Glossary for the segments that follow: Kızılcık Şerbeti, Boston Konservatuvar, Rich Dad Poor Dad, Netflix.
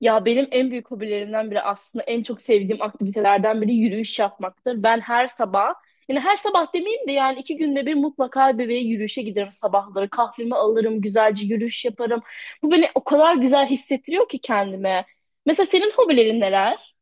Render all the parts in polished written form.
Ya benim en büyük hobilerimden biri aslında en çok sevdiğim aktivitelerden biri yürüyüş yapmaktır. Ben her sabah, yani her sabah demeyeyim de yani 2 günde bir mutlaka bebeğe yürüyüşe giderim sabahları. Kahvemi alırım, güzelce yürüyüş yaparım. Bu beni o kadar güzel hissettiriyor ki kendime. Mesela senin hobilerin neler?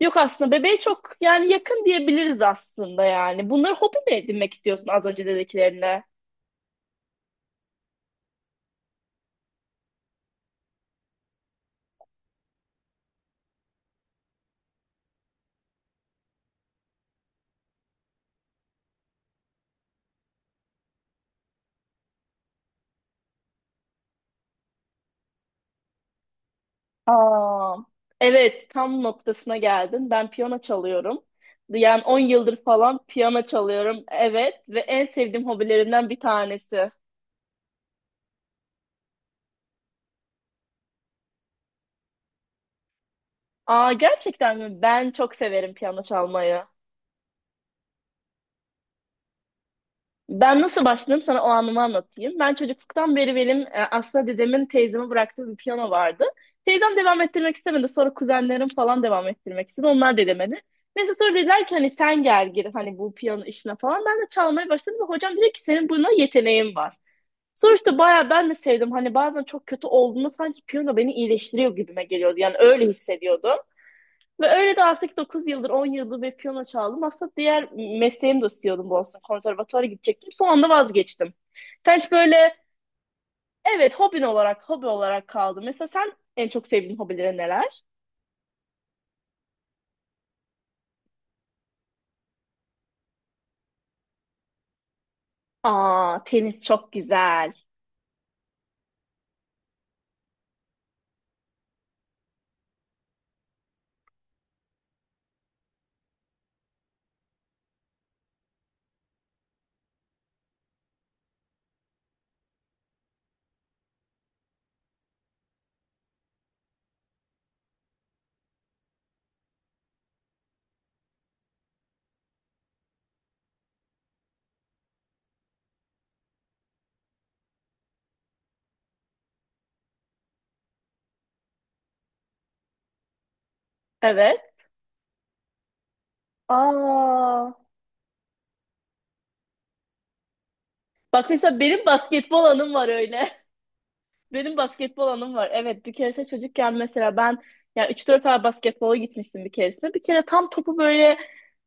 Yok aslında bebeğe çok yani yakın diyebiliriz aslında yani. Bunları hobi mi edinmek istiyorsun az önce dediklerine? Aa, evet tam noktasına geldin. Ben piyano çalıyorum. Yani 10 yıldır falan piyano çalıyorum. Evet ve en sevdiğim hobilerimden bir tanesi. Aa gerçekten mi? Ben çok severim piyano çalmayı. Ben nasıl başladım sana o anımı anlatayım. Ben çocukluktan beri benim aslında dedemin teyzeme bıraktığı bir piyano vardı. Teyzem devam ettirmek istemedi. Sonra kuzenlerim falan devam ettirmek istedi. Onlar da demedi. Neyse sonra dediler ki hani sen gel gir hani bu piyano işine falan. Ben de çalmaya başladım ve hocam dedi ki senin buna yeteneğin var. Sonra işte bayağı ben de sevdim. Hani bazen çok kötü olduğumda sanki piyano beni iyileştiriyor gibime geliyordu. Yani öyle hissediyordum. Ve öyle de artık 9 yıldır 10 yıldır ve piyano çaldım. Aslında diğer mesleğimi de istiyordum, Boston Konservatuvar'a gidecektim. Son anda vazgeçtim. Sen hiç böyle evet, hobi olarak kaldı. Mesela sen en çok sevdiğin hobilerin neler? Aa, tenis çok güzel. Evet. Aa, bak mesela benim basketbol anım var öyle. Benim basketbol anım var. Evet bir keresinde çocukken mesela ben yani üç 4 ay basketbola gitmiştim bir keresinde. Bir kere tam topu böyle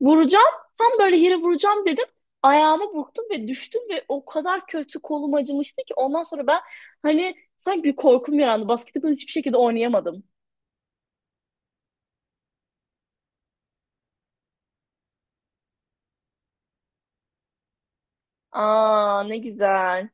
vuracağım. Tam böyle yere vuracağım dedim. Ayağımı burktum ve düştüm ve o kadar kötü kolum acımıştı ki ondan sonra ben hani sanki bir korkum yarandı. Basketbol hiçbir şekilde oynayamadım. Aa, ne güzel.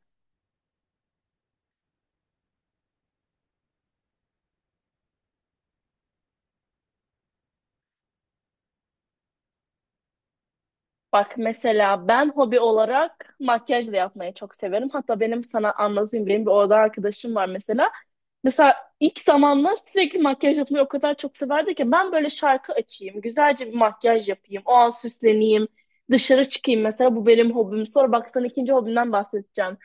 Bak mesela ben hobi olarak makyaj da yapmayı çok severim. Hatta benim sana anlatayım, benim bir orada arkadaşım var mesela. Mesela ilk zamanlar sürekli makyaj yapmayı o kadar çok severdi ki ben böyle şarkı açayım, güzelce bir makyaj yapayım, o an süsleneyim, dışarı çıkayım mesela, bu benim hobim. Sonra bak sana ikinci hobimden bahsedeceğim.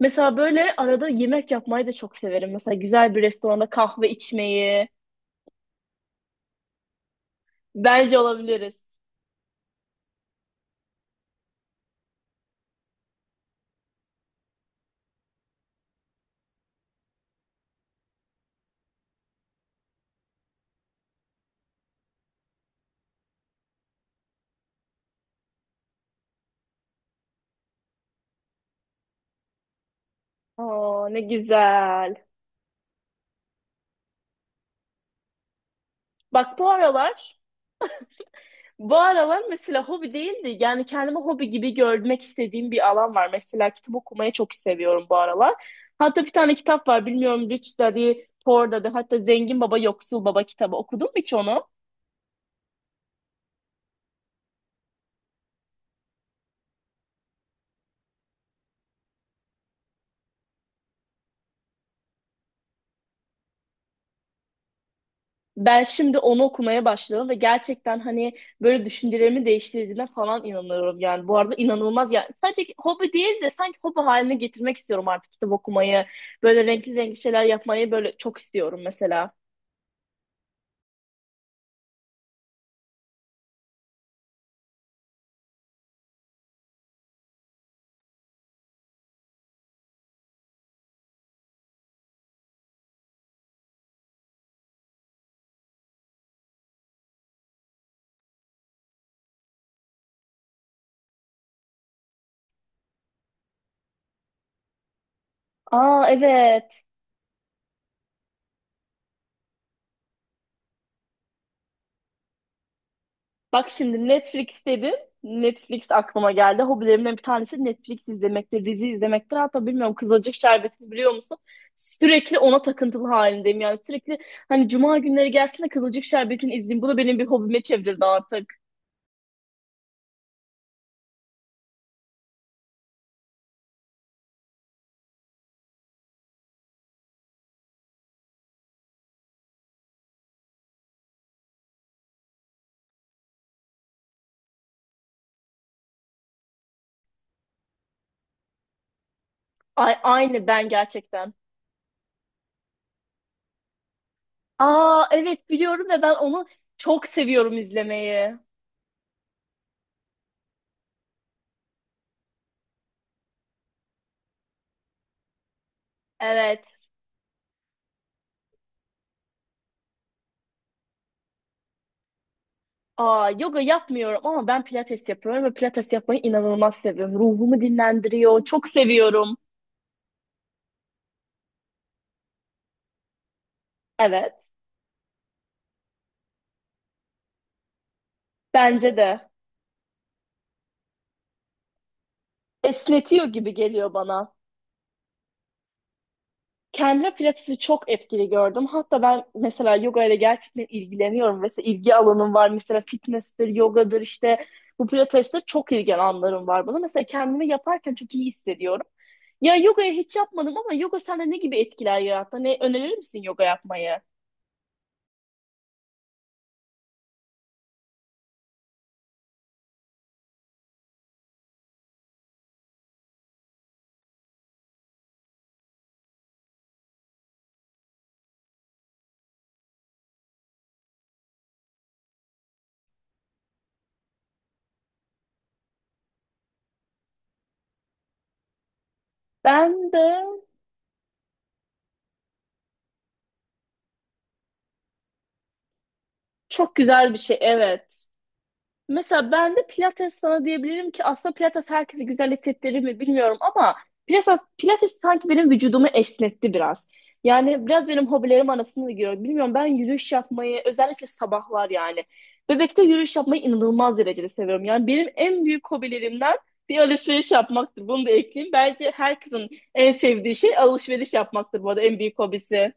Mesela böyle arada yemek yapmayı da çok severim. Mesela güzel bir restoranda kahve içmeyi. Bence olabiliriz. Aa, ne güzel. Bak bu aralar Bu aralar mesela hobi değildi, yani kendimi hobi gibi görmek istediğim bir alan var. Mesela kitap okumayı çok seviyorum bu aralar. Hatta bir tane kitap var, bilmiyorum, Rich Daddy Poor Daddy, hatta Zengin Baba Yoksul Baba kitabı, okudun mu hiç onu? Ben şimdi onu okumaya başladım ve gerçekten hani böyle düşüncelerimi değiştirdiğine falan inanıyorum yani. Bu arada inanılmaz yani. Sadece hobi değil de sanki hobi haline getirmek istiyorum artık kitap okumayı. Böyle renkli renkli şeyler yapmayı böyle çok istiyorum mesela. Aa evet. Bak şimdi Netflix dedin. Netflix aklıma geldi. Hobilerimden bir tanesi Netflix izlemektir, dizi izlemektir. Hatta bilmiyorum, Kızılcık Şerbeti'ni biliyor musun? Sürekli ona takıntılı halindeyim. Yani sürekli hani cuma günleri gelsin de Kızılcık Şerbeti'ni izleyeyim. Bu da benim bir hobime çevrildi artık. Ay, aynı ben gerçekten. Aa evet, biliyorum ve ben onu çok seviyorum izlemeyi. Evet. Aa, yoga yapmıyorum ama ben pilates yapıyorum ve pilates yapmayı inanılmaz seviyorum. Ruhumu dinlendiriyor. Çok seviyorum. Evet. Bence de. Esnetiyor gibi geliyor bana. Kendime pilatesi çok etkili gördüm. Hatta ben mesela yoga ile gerçekten ilgileniyorum. Mesela ilgi alanım var. Mesela fitness'tir, yogadır işte. Bu pilatesle çok ilgili alanlarım var bana. Mesela kendimi yaparken çok iyi hissediyorum. Ya yogayı hiç yapmadım ama yoga sende ne gibi etkiler yarattı? Ne önerir misin yoga yapmayı? Ben de çok güzel bir şey. Evet. Mesela ben de Pilates sana diyebilirim ki aslında Pilates herkese güzel hissettirir mi bilmiyorum ama Pilates, Pilates sanki benim vücudumu esnetti biraz. Yani biraz benim hobilerim arasında da giriyor. Bilmiyorum, ben yürüyüş yapmayı özellikle sabahlar yani. Bebekte yürüyüş yapmayı inanılmaz derecede seviyorum. Yani benim en büyük hobilerimden bir, alışveriş yapmaktır. Bunu da ekleyeyim. Bence herkesin en sevdiği şey alışveriş yapmaktır bu arada, en büyük hobisi.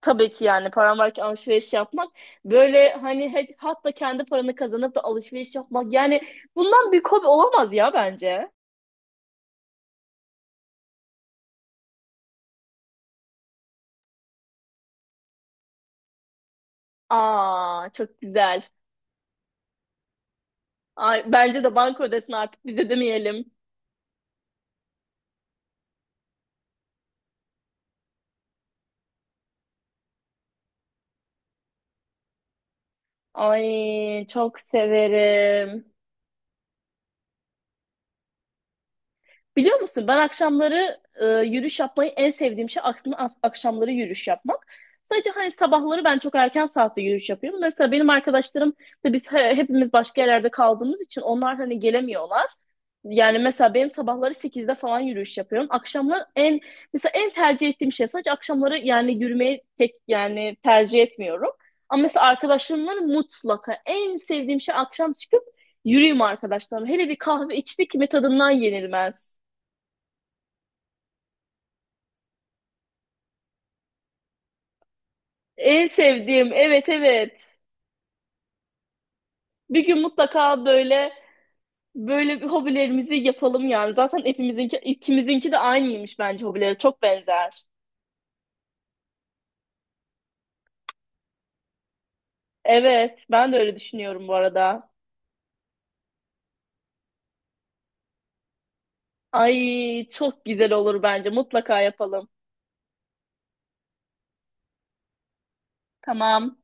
Tabii ki, yani paran varken alışveriş yapmak böyle hani hatta kendi paranı kazanıp da alışveriş yapmak, yani bundan büyük hobi olamaz ya bence. Aa çok güzel. Ay, bence de banka ödesin, artık bize demeyelim. Ay çok severim. Biliyor musun, ben akşamları yürüyüş yapmayı en sevdiğim şey, aksine akşamları yürüyüş yapmak. Sadece hani sabahları ben çok erken saatte yürüyüş yapıyorum. Mesela benim arkadaşlarım da biz hepimiz başka yerlerde kaldığımız için onlar hani gelemiyorlar. Yani mesela benim sabahları 8'de falan yürüyüş yapıyorum. Akşamlar en mesela en tercih ettiğim şey sadece akşamları, yani yürümeyi tek yani tercih etmiyorum. Ama mesela arkadaşlarımla mutlaka en sevdiğim şey akşam çıkıp yürüyeyim arkadaşlarım. Hele bir kahve içtik mi tadından yenilmez. En sevdiğim. Evet, evet. Bir gün mutlaka böyle bir hobilerimizi yapalım yani. Zaten hepimizinki, ikimizinki de aynıymış bence hobileri. Çok benzer. Evet, ben de öyle düşünüyorum bu arada. Ay, çok güzel olur bence. Mutlaka yapalım. Tamam.